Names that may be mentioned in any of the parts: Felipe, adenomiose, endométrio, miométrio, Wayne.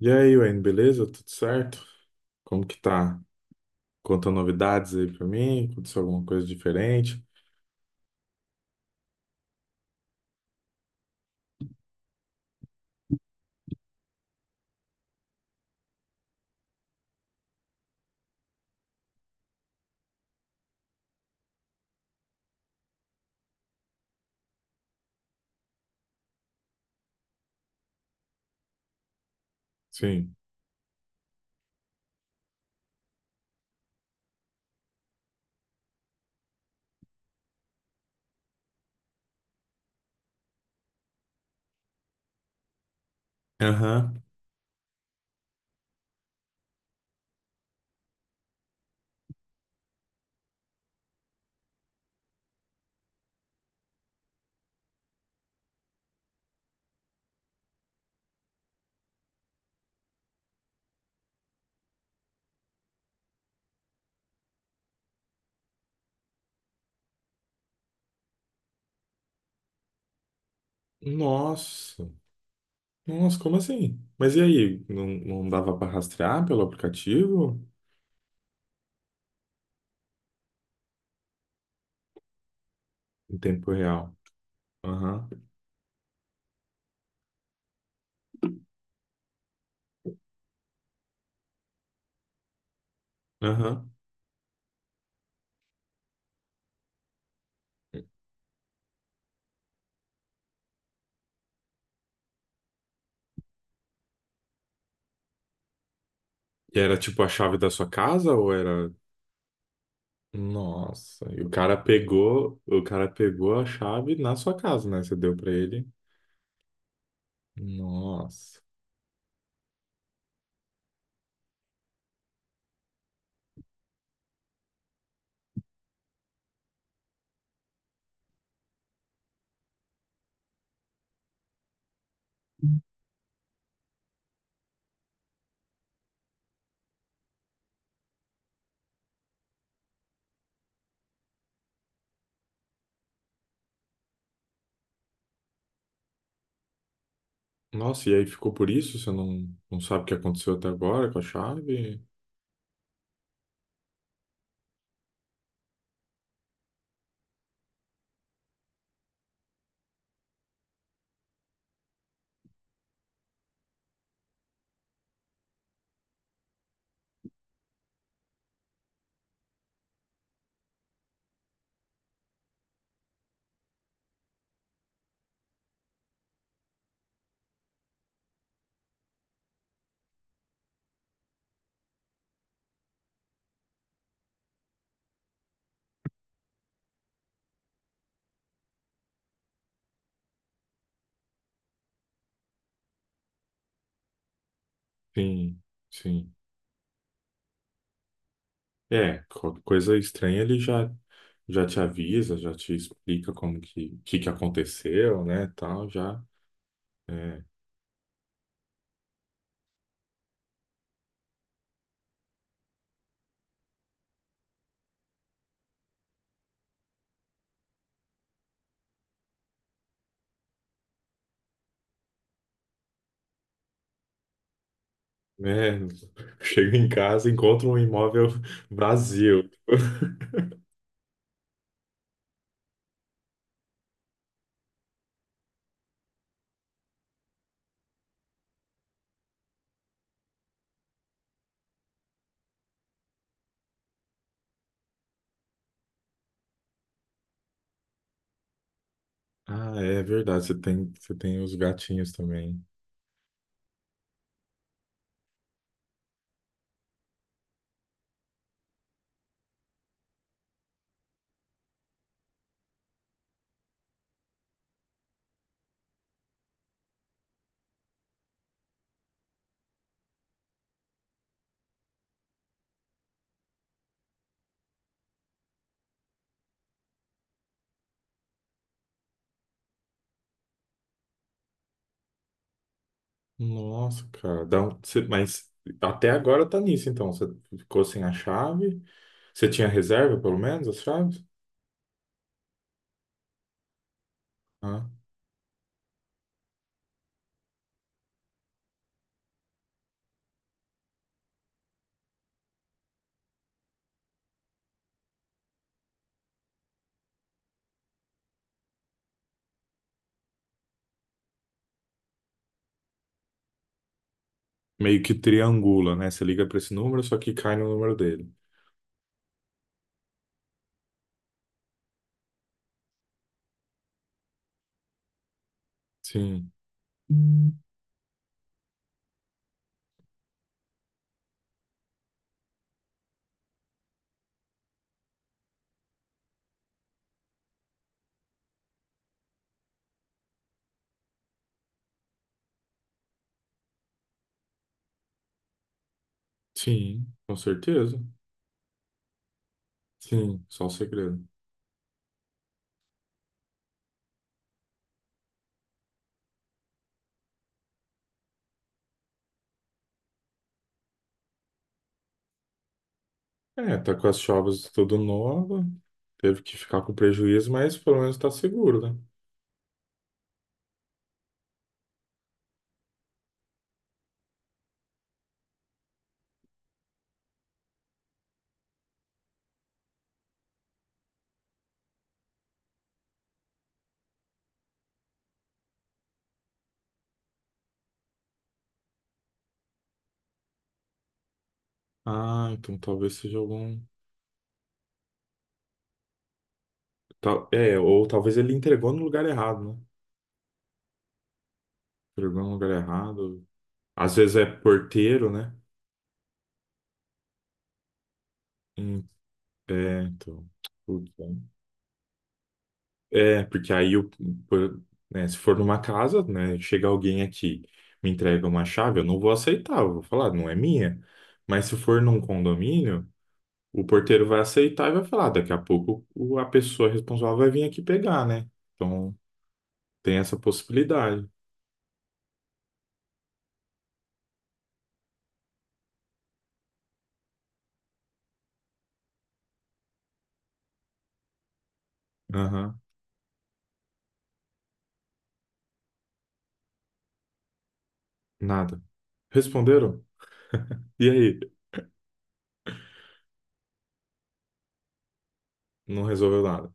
E aí, Wayne, beleza? Tudo certo? Como que tá? Conta novidades aí pra mim? Aconteceu alguma coisa diferente? Sim. Aham. Nossa. Nossa, como assim? Mas e aí? Não dava pra rastrear pelo aplicativo? Em tempo real? Aham. Aham. E era tipo a chave da sua casa ou era... Nossa. E o cara pegou... O cara pegou a chave na sua casa, né? Você deu pra ele. Nossa. Nossa, e aí ficou por isso? Você não sabe o que aconteceu até agora com a chave? Sim, sim. É, qualquer coisa estranha ele já, já te avisa, já te explica como que aconteceu, né, tal, já. É, né, chego em casa, encontro um imóvel vazio. Ah, é verdade, você tem os gatinhos também. Nossa, cara, dá um... mas até agora tá nisso, então. Você ficou sem a chave? Você tinha reserva, pelo menos, as chaves? Ah, meio que triangula, né? Você liga para esse número, só que cai no número dele. Sim, hum, sim, com certeza. Sim, só o segredo. É, tá com as chaves tudo nova, teve que ficar com prejuízo, mas pelo menos tá seguro, né? Ah, então talvez seja algum. É, ou talvez ele entregou no lugar errado, né? Entregou no lugar errado. Às vezes é porteiro, né? Hum, é, então. Putz, é, porque aí, por- né, se for numa casa, né, chega alguém aqui, me entrega uma chave, eu não vou aceitar, eu vou falar, não é minha. Mas se for num condomínio, o porteiro vai aceitar e vai falar, daqui a pouco a pessoa responsável vai vir aqui pegar, né? Então, tem essa possibilidade. Aham, nada. Responderam? E aí? Não resolveu nada.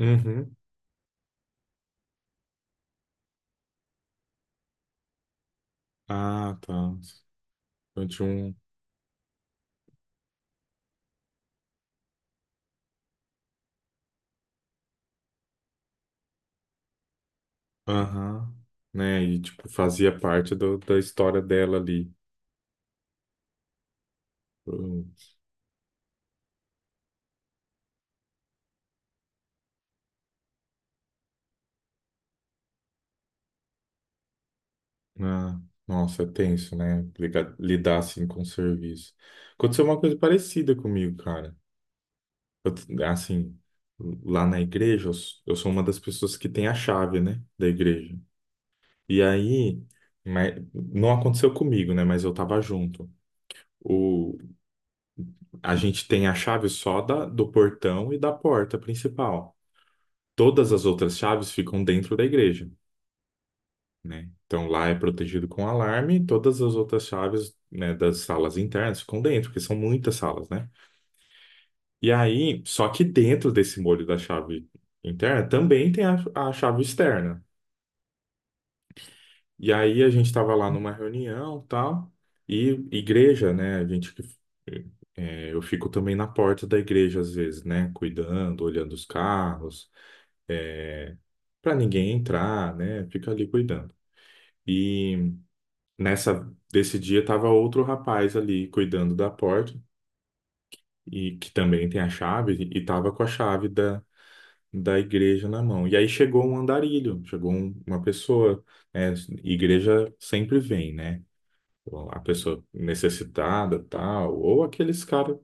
Uhum. Ah, tá. Então tinha um. Aham, né? E tipo, fazia parte da história dela ali. Hum, Ah, nossa, é tenso, né? Lidar assim com o serviço. Aconteceu uma coisa parecida comigo, cara. Assim, lá na igreja, eu sou uma das pessoas que tem a chave, né? Da igreja. E aí, mas, não aconteceu comigo, né? Mas eu tava junto. O, a gente tem a chave só da, do portão e da porta principal. Todas as outras chaves ficam dentro da igreja. Né? Então lá é protegido com alarme, todas as outras chaves, né, das salas internas ficam dentro, porque são muitas salas, né? E aí, só que dentro desse molho da chave interna também tem a chave externa. E aí a gente estava lá numa reunião, tal, e igreja, né? A gente que é, eu fico também na porta da igreja às vezes, né? Cuidando, olhando os carros, é, para ninguém entrar, né? Fico ali cuidando. E nessa, desse dia tava outro rapaz ali cuidando da porta e que também tem a chave e tava com a chave da igreja na mão. E aí chegou um andarilho, chegou uma pessoa, né? Igreja sempre vem, né? Então, a pessoa necessitada, tal, ou aqueles caras,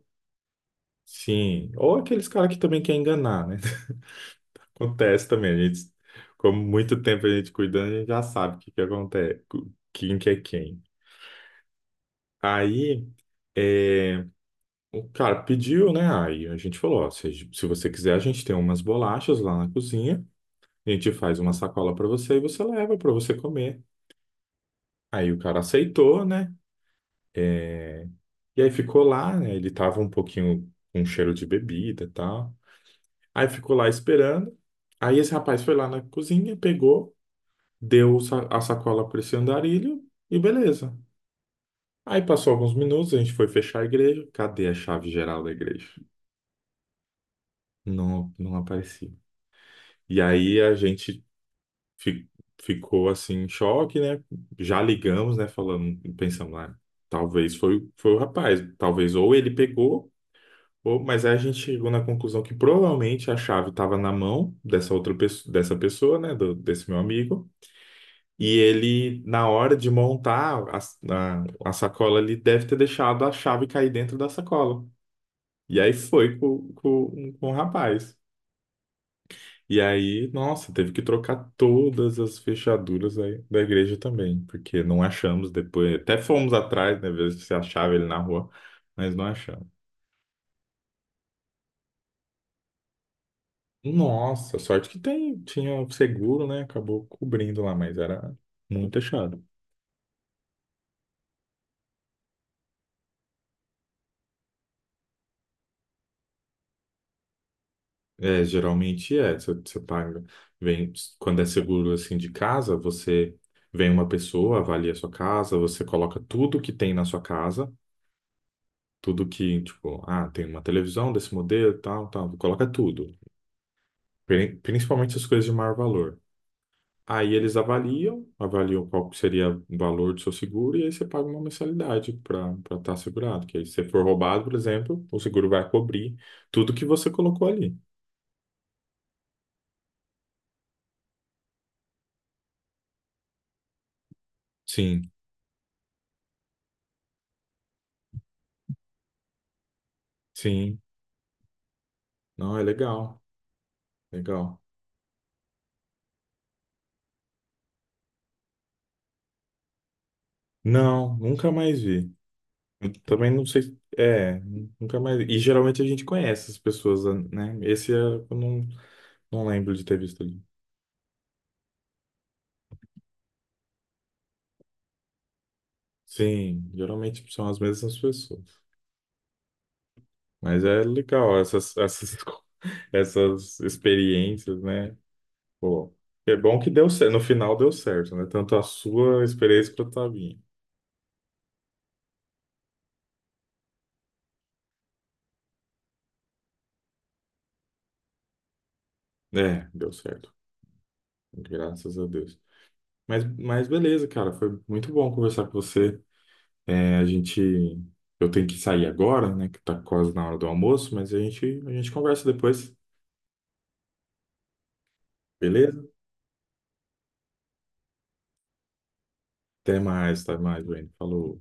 sim, ou aqueles caras que também quer enganar, né? Acontece também, a gente, como muito tempo a gente cuidando, a gente já sabe o que que acontece, quem que é quem. Aí, é, o cara pediu, né? Aí a gente falou, ó, se você quiser, a gente tem umas bolachas lá na cozinha, a gente faz uma sacola para você e você leva para você comer. Aí o cara aceitou, né? É, e aí ficou lá, né? Ele tava um pouquinho com cheiro de bebida e tal. Aí ficou lá esperando. Aí esse rapaz foi lá na cozinha, pegou, deu a sacola para esse andarilho e beleza. Aí passou alguns minutos, a gente foi fechar a igreja. Cadê a chave geral da igreja? Não aparecia. E aí a gente fi- ficou assim em choque, né? Já ligamos, né? Falando, pensamos, ah, talvez foi, foi o rapaz, talvez ou ele pegou, ou, mas aí a gente chegou na conclusão que provavelmente a chave estava na mão dessa outra pessoa, dessa pessoa, né? Desse meu amigo. E ele, na hora de montar a sacola, ele deve ter deixado a chave cair dentro da sacola. E aí foi com o rapaz. E aí, nossa, teve que trocar todas as fechaduras aí da igreja também, porque não achamos depois. Até fomos atrás, né, ver se achava ele na rua, mas não achamos. Nossa, sorte que tem, tinha seguro, né? Acabou cobrindo lá, mas era muito achado. É, geralmente é, você, você paga, vem, quando é seguro assim de casa, você vem uma pessoa, avalia a sua casa, você coloca tudo que tem na sua casa, tudo que, tipo, ah, tem uma televisão desse modelo, tal, tal, coloca tudo. Principalmente as coisas de maior valor. Aí eles avaliam, avaliam qual que seria o valor do seu seguro e aí você paga uma mensalidade para estar segurado. Que aí se você for roubado, por exemplo, o seguro vai cobrir tudo que você colocou ali. Sim, sim. Não, é legal, legal. Não, nunca mais vi. Eu também não sei. É, nunca mais vi. E geralmente a gente conhece as pessoas, né? Eu não, não lembro de ter visto ali. Sim, geralmente são as mesmas pessoas. Mas é legal essas experiências, né? Pô, é bom que deu certo. No final deu certo, né? Tanto a sua experiência quanto a minha. É, deu certo. Graças a Deus. Mas beleza, cara. Foi muito bom conversar com você. É, a gente. Eu tenho que sair agora, né? Que tá quase na hora do almoço, mas a gente conversa depois. Beleza? Até mais, Wayne. Falou.